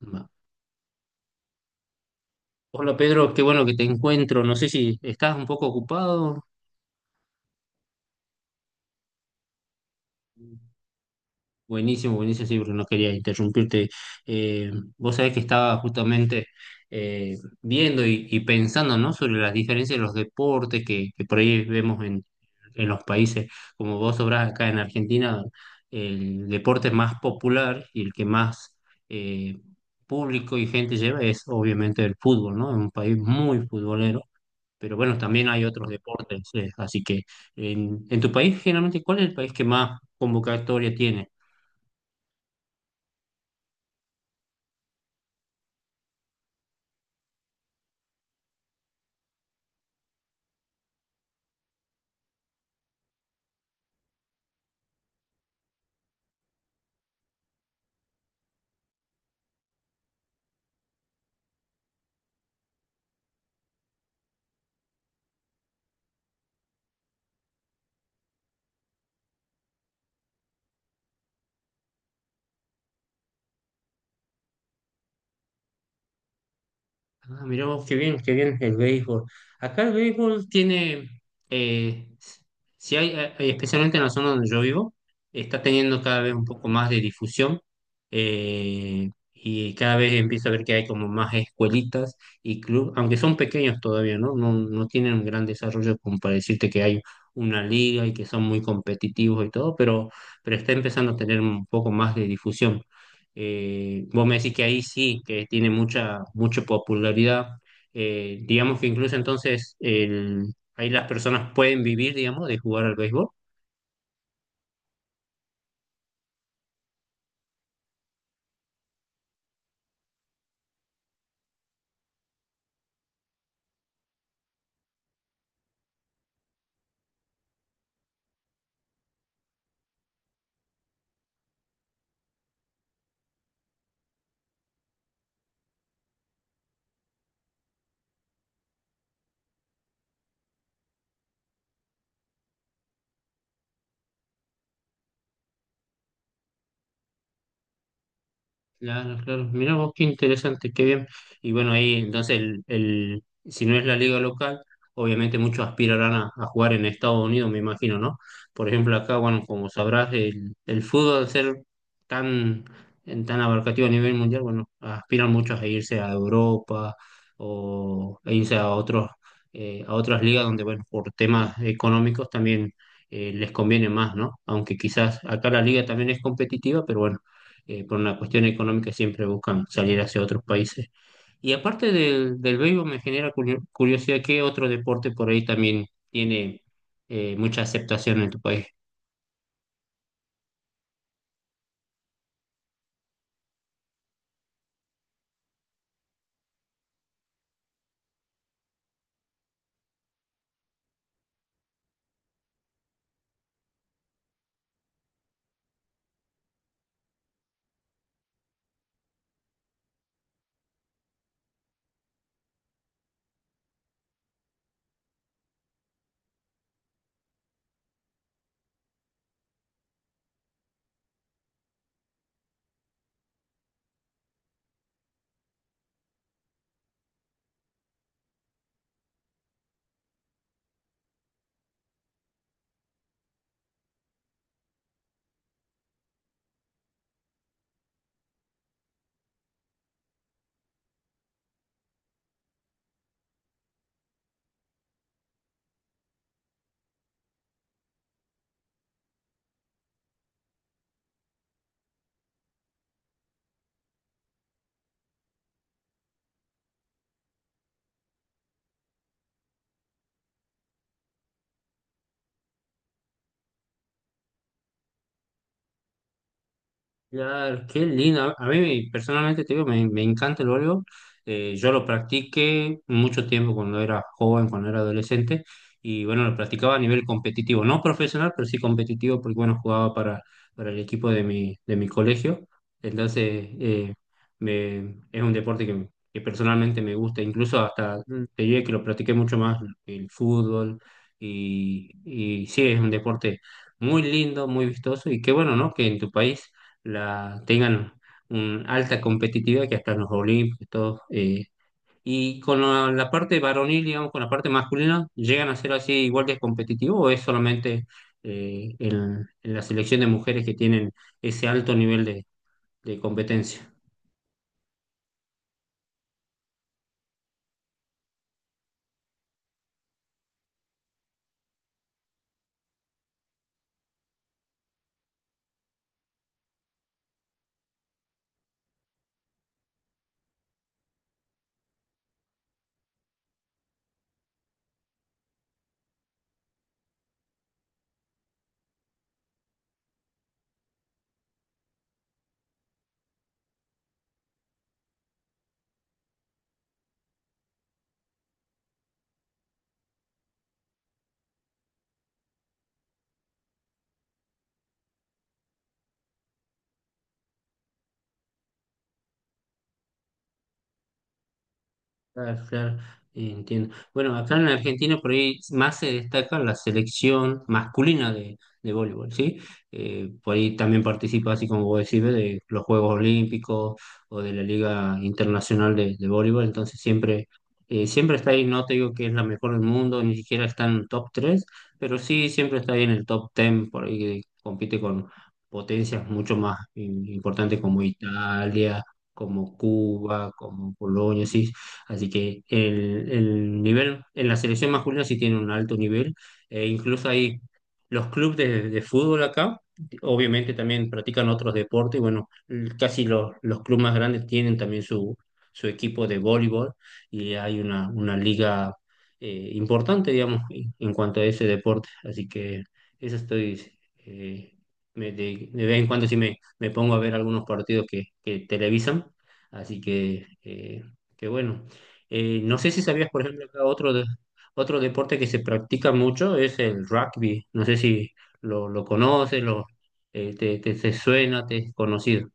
Va. Hola Pedro, qué bueno que te encuentro. No sé si estás un poco ocupado. Buenísimo, buenísimo, sí, porque no quería interrumpirte. Eh, vos sabés que estaba justamente viendo y pensando, ¿no?, sobre las diferencias de los deportes que por ahí vemos en los países. Como vos sabrás, acá en Argentina el deporte más popular y el que más eh, público y gente lleva es obviamente el fútbol, ¿no? Es un país muy futbolero, pero bueno, también hay otros deportes. Así que en tu país, generalmente, ¿cuál es el país que más convocatoria tiene? Ah, mirá vos, qué bien el béisbol. Acá el béisbol tiene, eh, si hay, hay- especialmente en la zona donde yo vivo, está teniendo cada vez un poco más de difusión, y cada vez empiezo a ver que hay como más escuelitas y club, aunque son pequeños todavía, ¿no? No, no tienen un gran desarrollo como para decirte que hay una liga y que son muy competitivos y todo, pero está empezando a tener un poco más de difusión. Vos me decís que ahí sí, que tiene mucha, mucha popularidad. Digamos que incluso entonces ahí las personas pueden vivir, digamos, de jugar al béisbol. Claro, claro. Mirá vos, qué interesante, qué bien. Y bueno, ahí entonces, si no es la liga local, obviamente muchos aspirarán a jugar en Estados Unidos, me imagino, ¿no? Por ejemplo, acá, bueno, como sabrás, el fútbol al ser tan, tan abarcativo a nivel mundial, bueno, aspiran muchos a irse a Europa o a irse a otros, a otras ligas donde, bueno, por temas económicos también les conviene más, ¿no? Aunque quizás acá la liga también es competitiva, pero bueno, por una cuestión económica siempre buscan salir hacia otros países. Y aparte del béisbol me genera curiosidad qué otro deporte por ahí también tiene mucha aceptación en tu país. Claro, qué lindo. A mí personalmente te digo, me encanta el voleibol. Yo lo practiqué mucho tiempo cuando era joven, cuando era adolescente, y bueno, lo practicaba a nivel competitivo, no profesional, pero sí competitivo, porque bueno, jugaba para el equipo de mi colegio. Entonces, es un deporte que personalmente me gusta, incluso hasta te diré que lo practiqué mucho más el fútbol, y sí, es un deporte muy lindo, muy vistoso, y qué bueno, ¿no?, que en tu país tengan una alta competitividad que hasta en los Olímpicos, todo. Y con la parte varonil, digamos, con la parte masculina, ¿llegan a ser así igual de competitivo o es solamente en la selección de mujeres que tienen ese alto nivel de competencia? Claro, claro, entiendo. Bueno, acá en Argentina por ahí más se destaca la selección masculina de voleibol, ¿sí? Por ahí también participa, así como vos decís, de los Juegos Olímpicos o de la Liga Internacional de Voleibol, entonces siempre, siempre está ahí, no te digo que es la mejor del mundo, ni siquiera está en el top 3, pero sí siempre está ahí en el top 10, por ahí que compite con potencias mucho más importantes como Italia, como Cuba, como Polonia, sí. Así que el nivel en la selección masculina sí tiene un alto nivel. E incluso hay los clubes de fútbol acá, obviamente también practican otros deportes. Bueno, casi los clubes más grandes tienen también su equipo de voleibol y hay una liga importante, digamos, en cuanto a ese deporte. Así que eso estoy... eh, de vez en cuando sí me pongo a ver algunos partidos que televisan, así que bueno. Eh, no sé si sabías, por ejemplo, acá otro deporte que se practica mucho es el rugby. No sé si lo conoces, lo, te suena, te es conocido.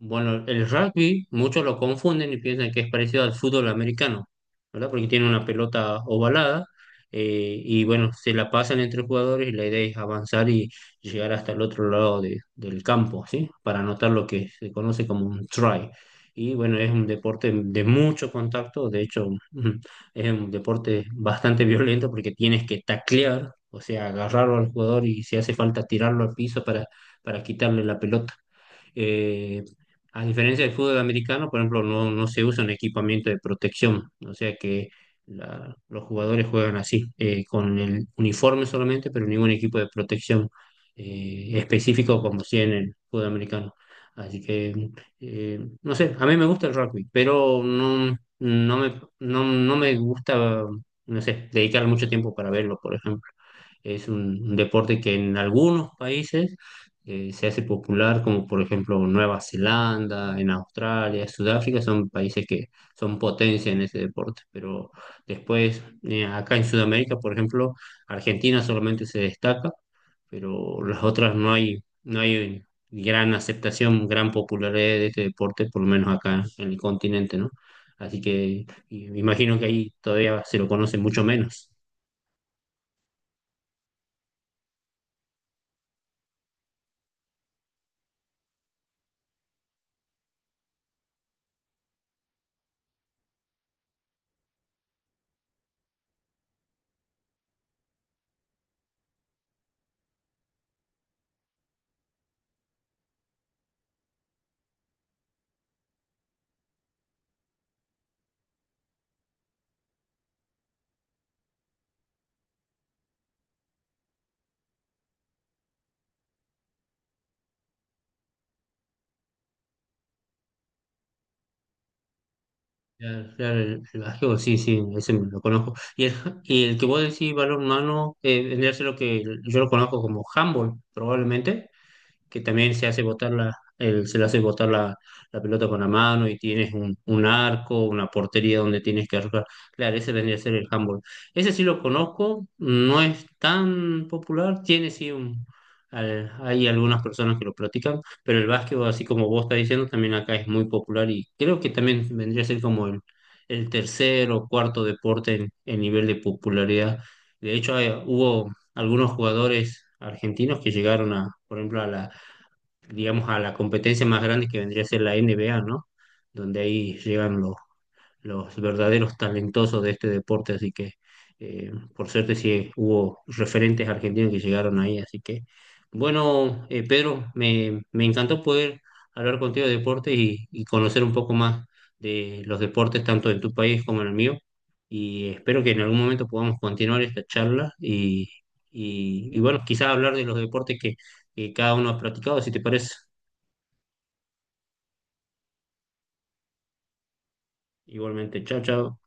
Bueno, el rugby muchos lo confunden y piensan que es parecido al fútbol americano, ¿verdad? Porque tiene una pelota ovalada, y bueno, se la pasan entre jugadores y la idea es avanzar y llegar hasta el otro lado del campo, ¿sí? Para anotar lo que se conoce como un try. Y bueno, es un deporte de mucho contacto. De hecho, es un deporte bastante violento porque tienes que taclear, o sea, agarrarlo al jugador y si hace falta tirarlo al piso para quitarle la pelota. Eh, a diferencia del fútbol americano, por ejemplo, no, no se usa un equipamiento de protección, o sea que los jugadores juegan así, con el uniforme solamente, pero ningún equipo de protección específico como si en el fútbol americano. Así que, no sé, a mí me gusta el rugby, pero no, no me, no, no me gusta, no sé, dedicar mucho tiempo para verlo, por ejemplo. Es un deporte que en algunos países se hace popular, como por ejemplo Nueva Zelanda, en Australia, Sudáfrica, son países que son potencia en ese deporte. Pero después, acá en Sudamérica, por ejemplo, Argentina solamente se destaca, pero las otras no hay, no hay gran aceptación, gran popularidad de este deporte, por lo menos acá en el continente, ¿no? Así que imagino que ahí todavía se lo conoce mucho menos. Claro, claro, el básquetbol, sí, sí, ese me lo conozco. Y el, y el que vos decís balón humano, vendría a ser lo que yo lo conozco como handball, probablemente, que también se hace botar la, se le hace botar la pelota con la mano y tienes un arco, una portería donde tienes que arrojar. Claro, ese vendría a ser el handball. Ese sí lo conozco, no es tan popular, tiene sí un... hay algunas personas que lo practican, pero el básquetbol, así como vos estás diciendo, también acá es muy popular y creo que también vendría a ser como el tercer o cuarto deporte en nivel de popularidad. De hecho, hubo algunos jugadores argentinos que llegaron a, por ejemplo, a la, digamos, a la competencia más grande que vendría a ser la NBA, ¿no? Donde ahí llegan los verdaderos talentosos de este deporte, así que, por suerte sí hubo referentes argentinos que llegaron ahí, así que bueno. Eh, Pedro, me encantó poder hablar contigo de deportes y conocer un poco más de los deportes, tanto en tu país como en el mío, y espero que en algún momento podamos continuar esta charla y bueno, quizás hablar de los deportes que cada uno ha practicado, si te parece. Igualmente, chao, chao.